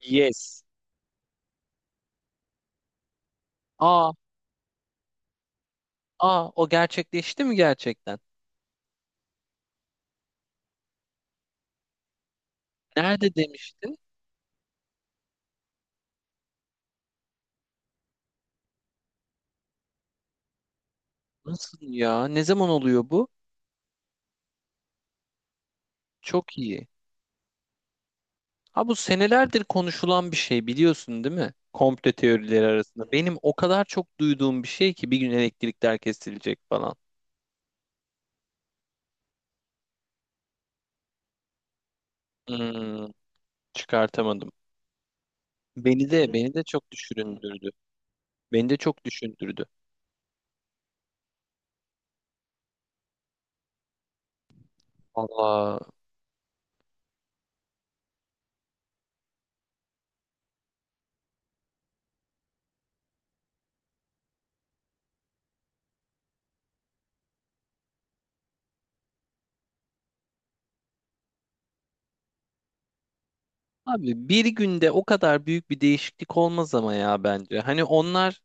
Yes. Aa, aa o gerçekleşti mi gerçekten? Nerede demiştin? Nasıl ya? Ne zaman oluyor bu? Çok iyi. Ha, bu senelerdir konuşulan bir şey, biliyorsun değil mi? Komplo teorileri arasında. Benim o kadar çok duyduğum bir şey ki bir gün elektrikler kesilecek falan. Hmm, çıkartamadım. Beni de çok düşündürdü. Beni de çok düşündürdü. Allah. Abi bir günde o kadar büyük bir değişiklik olmaz ama ya bence. Hani onlar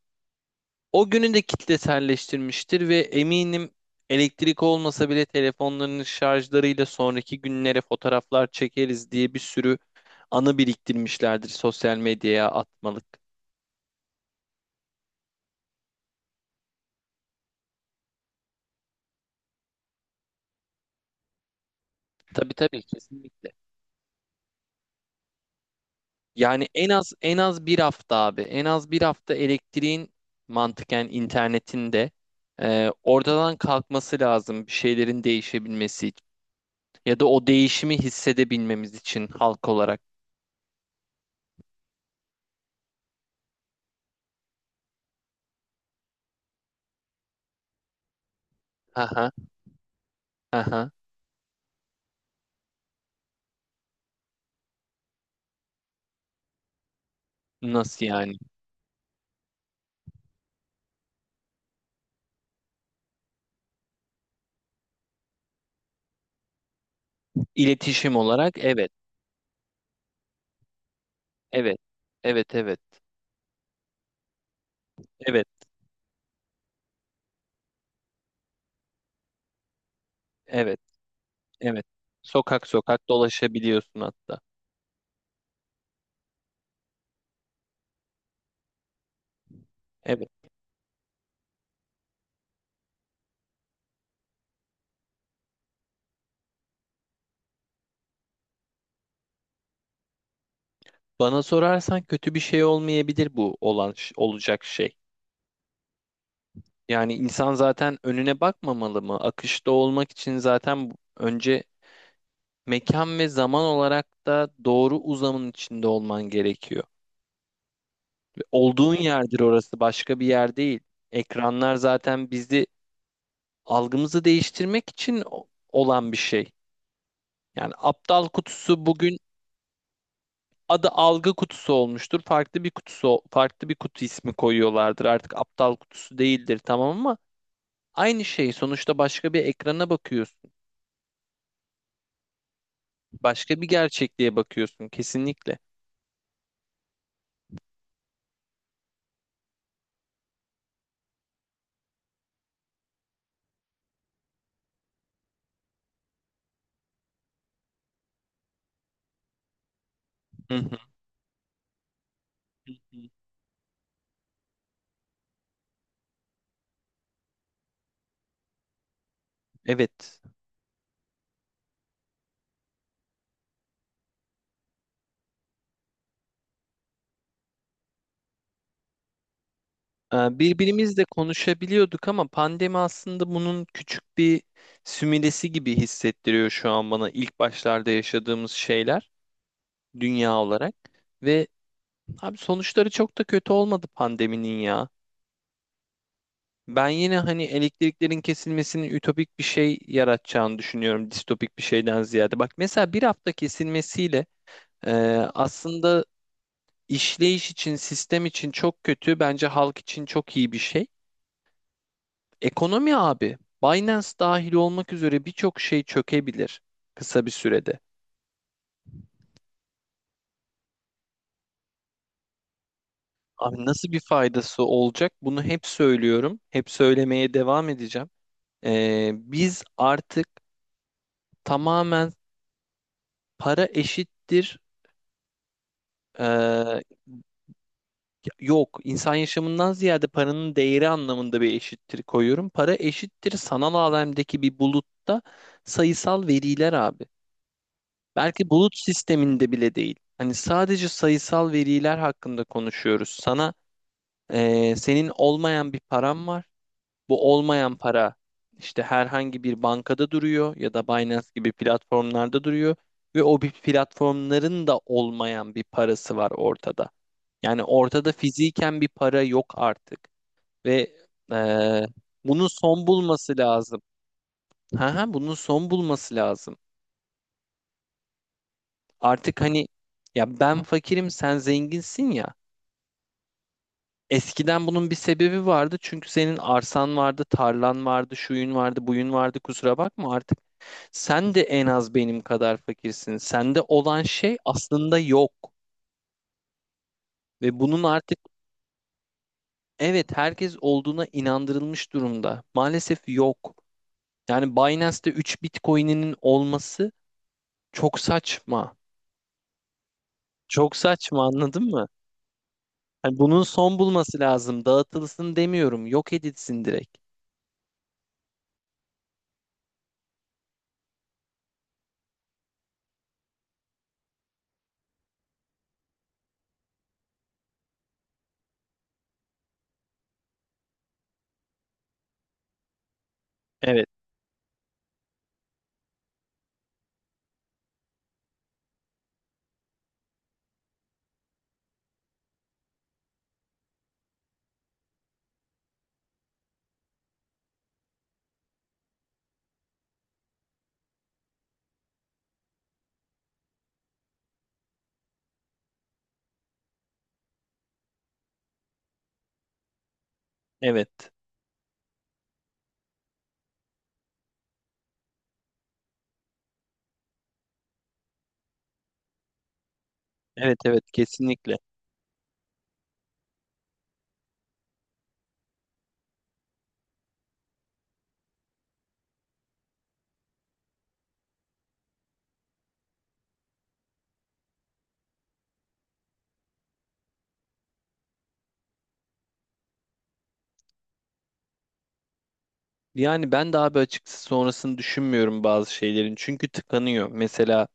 O günü de kitleselleştirmiştir ve eminim elektrik olmasa bile telefonlarının şarjlarıyla sonraki günlere fotoğraflar çekeriz diye bir sürü anı biriktirmişlerdir sosyal medyaya atmalık. Tabii tabii, kesinlikle. Yani en az bir hafta abi. En az bir hafta elektriğin mantıken internetinde oradan kalkması lazım bir şeylerin değişebilmesi için. Ya da o değişimi hissedebilmemiz için halk olarak. Aha, aha. Nasıl yani? İletişim olarak evet, evet, evet, evet, evet, evet, evet. Sokak sokak dolaşabiliyorsun hatta. Evet. Bana sorarsan kötü bir şey olmayabilir bu olan olacak şey. Yani insan zaten önüne bakmamalı mı? Akışta olmak için zaten önce mekan ve zaman olarak da doğru uzamın içinde olman gerekiyor. Olduğun yerdir orası, başka bir yer değil. Ekranlar zaten bizi algımızı değiştirmek için olan bir şey. Yani aptal kutusu bugün adı algı kutusu olmuştur. Farklı bir kutusu, farklı bir kutu ismi koyuyorlardır. Artık aptal kutusu değildir, tamam, ama aynı şey. Sonuçta başka bir ekrana bakıyorsun. Başka bir gerçekliğe bakıyorsun kesinlikle. Hı hı. Evet. Birbirimizle konuşabiliyorduk ama pandemi aslında bunun küçük bir sümülesi gibi hissettiriyor şu an bana, ilk başlarda yaşadığımız şeyler dünya olarak. Ve abi sonuçları çok da kötü olmadı pandeminin ya. Ben yine hani elektriklerin kesilmesinin ütopik bir şey yaratacağını düşünüyorum, distopik bir şeyden ziyade. Bak mesela bir hafta kesilmesiyle e, aslında işleyiş için, sistem için çok kötü, bence halk için çok iyi bir şey. Ekonomi abi, Binance dahil olmak üzere birçok şey çökebilir kısa bir sürede. Abi nasıl bir faydası olacak? Bunu hep söylüyorum, hep söylemeye devam edeceğim. Biz artık tamamen para eşittir. ee, yok, insan yaşamından ziyade paranın değeri anlamında bir eşittir koyuyorum. Para eşittir sanal alemdeki bir bulutta sayısal veriler abi. Belki bulut sisteminde bile değil. Hani sadece sayısal veriler hakkında konuşuyoruz. Sana senin olmayan bir param var. Bu olmayan para işte herhangi bir bankada duruyor ya da Binance gibi platformlarda duruyor ve o bir platformların da olmayan bir parası var ortada. Yani ortada fiziken bir para yok artık ve eee, bunun son bulması lazım. Ha ha, bunun son bulması lazım. Artık hani ya ben fakirim sen zenginsin ya. Eskiden bunun bir sebebi vardı çünkü senin arsan vardı, tarlan vardı, şuyun vardı, buyun vardı. Kusura bakma artık. Sen de en az benim kadar fakirsin. Sende olan şey aslında yok. Ve bunun artık evet, herkes olduğuna inandırılmış durumda. Maalesef yok. Yani Binance'te 3 Bitcoin'inin olması çok saçma. Çok saçma, anladın mı? Hani bunun son bulması lazım. Dağıtılsın demiyorum. Yok edilsin direkt. Evet, evet. Evet, evet, kesinlikle. Yani ben de abi açıkçası sonrasını düşünmüyorum bazı şeylerin. Çünkü tıkanıyor. Mesela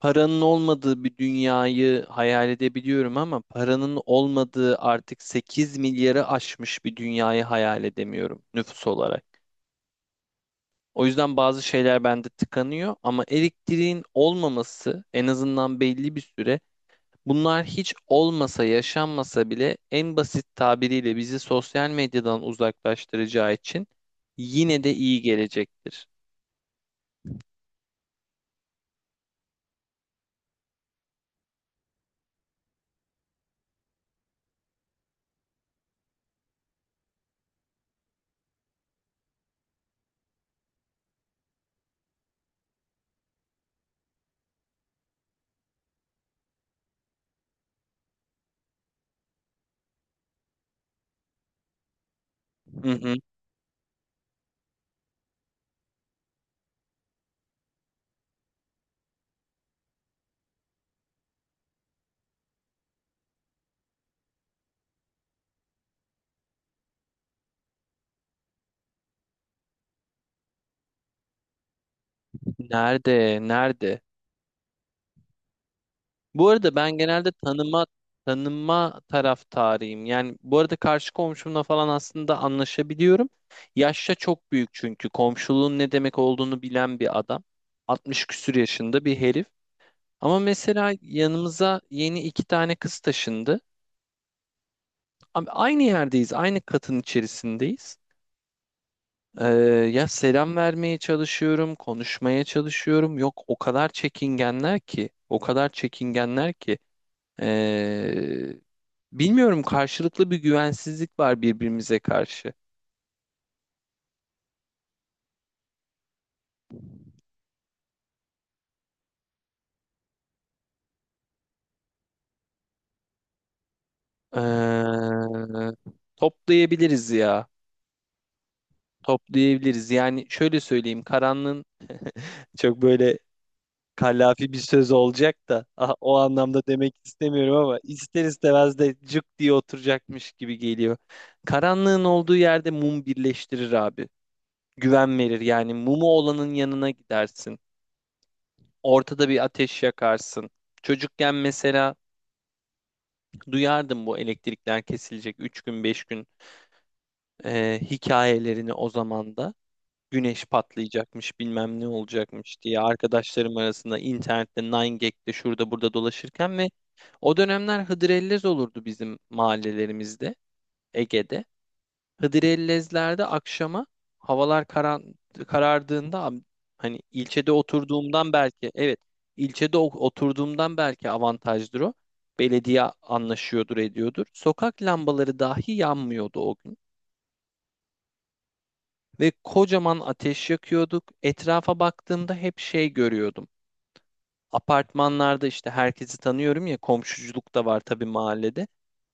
paranın olmadığı bir dünyayı hayal edebiliyorum ama paranın olmadığı artık 8 milyarı aşmış bir dünyayı hayal edemiyorum nüfus olarak. O yüzden bazı şeyler bende tıkanıyor, ama elektriğin olmaması en azından belli bir süre, bunlar hiç olmasa, yaşanmasa bile, en basit tabiriyle bizi sosyal medyadan uzaklaştıracağı için yine de iyi gelecektir. Hı hı. Nerede? Nerede? Bu arada ben genelde tanınma taraftarıyım. Yani bu arada karşı komşumla falan aslında anlaşabiliyorum. Yaşça çok büyük çünkü komşuluğun ne demek olduğunu bilen bir adam. 60 küsür yaşında bir herif. Ama mesela yanımıza yeni iki tane kız taşındı. Abi aynı yerdeyiz, aynı katın içerisindeyiz. Ee, ya selam vermeye çalışıyorum, konuşmaya çalışıyorum. Yok, o kadar çekingenler ki, o kadar çekingenler ki. Ee, bilmiyorum, karşılıklı bir güvensizlik var birbirimize karşı. Ee, toplayabiliriz ya, toplayabiliriz. Yani şöyle söyleyeyim, karanlığın çok böyle Kallafi bir söz olacak da ah, o anlamda demek istemiyorum ama ister istemez de cık diye oturacakmış gibi geliyor. Karanlığın olduğu yerde mum birleştirir abi. Güven verir, yani mumu olanın yanına gidersin. Ortada bir ateş yakarsın. Çocukken mesela duyardım bu elektrikler kesilecek 3 gün 5 gün hikayelerini, o zaman da. Güneş patlayacakmış bilmem ne olacakmış diye arkadaşlarım arasında internette 9gag'de şurada burada dolaşırken ve o dönemler hıdrellez olurdu bizim mahallelerimizde, Ege'de. Hıdrellezlerde akşama havalar karardığında hani ilçede oturduğumdan belki, evet, ilçede oturduğumdan belki avantajdır o. Belediye anlaşıyordur, ediyordur. Sokak lambaları dahi yanmıyordu o gün. Ve kocaman ateş yakıyorduk. Etrafa baktığımda hep şey görüyordum. Apartmanlarda işte herkesi tanıyorum ya, komşuculuk da var tabii mahallede.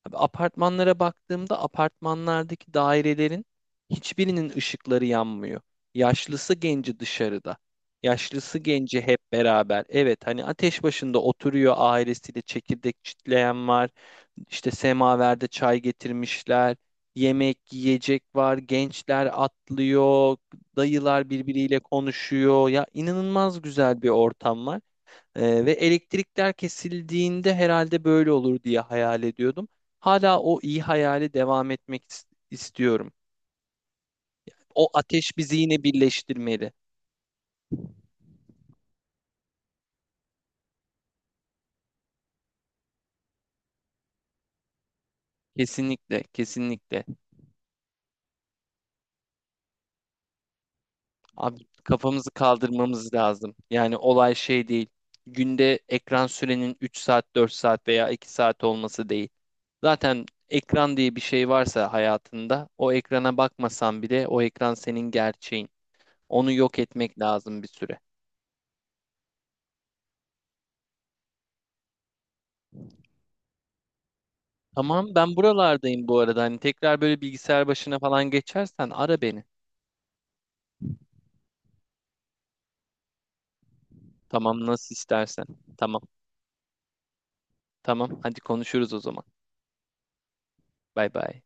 Abi apartmanlara baktığımda apartmanlardaki dairelerin hiçbirinin ışıkları yanmıyor. Yaşlısı genci dışarıda. Yaşlısı genci hep beraber. Evet hani ateş başında oturuyor ailesiyle, çekirdek çitleyen var. İşte semaverde çay getirmişler. Yemek, yiyecek var. Gençler atlıyor. Dayılar birbiriyle konuşuyor. Ya inanılmaz güzel bir ortam var. Ve elektrikler kesildiğinde herhalde böyle olur diye hayal ediyordum. Hala o iyi hayali devam etmek istiyorum. O ateş bizi yine birleştirmeli. Kesinlikle, kesinlikle. Abi kafamızı kaldırmamız lazım. Yani olay şey değil. Günde ekran sürenin 3 saat, 4 saat veya 2 saat olması değil. Zaten ekran diye bir şey varsa hayatında, o ekrana bakmasan bile o ekran senin gerçeğin. Onu yok etmek lazım bir süre. Tamam, ben buralardayım bu arada. Hani tekrar böyle bilgisayar başına falan geçersen ara beni. Tamam, nasıl istersen. Tamam. Tamam, hadi konuşuruz o zaman. Bay bay.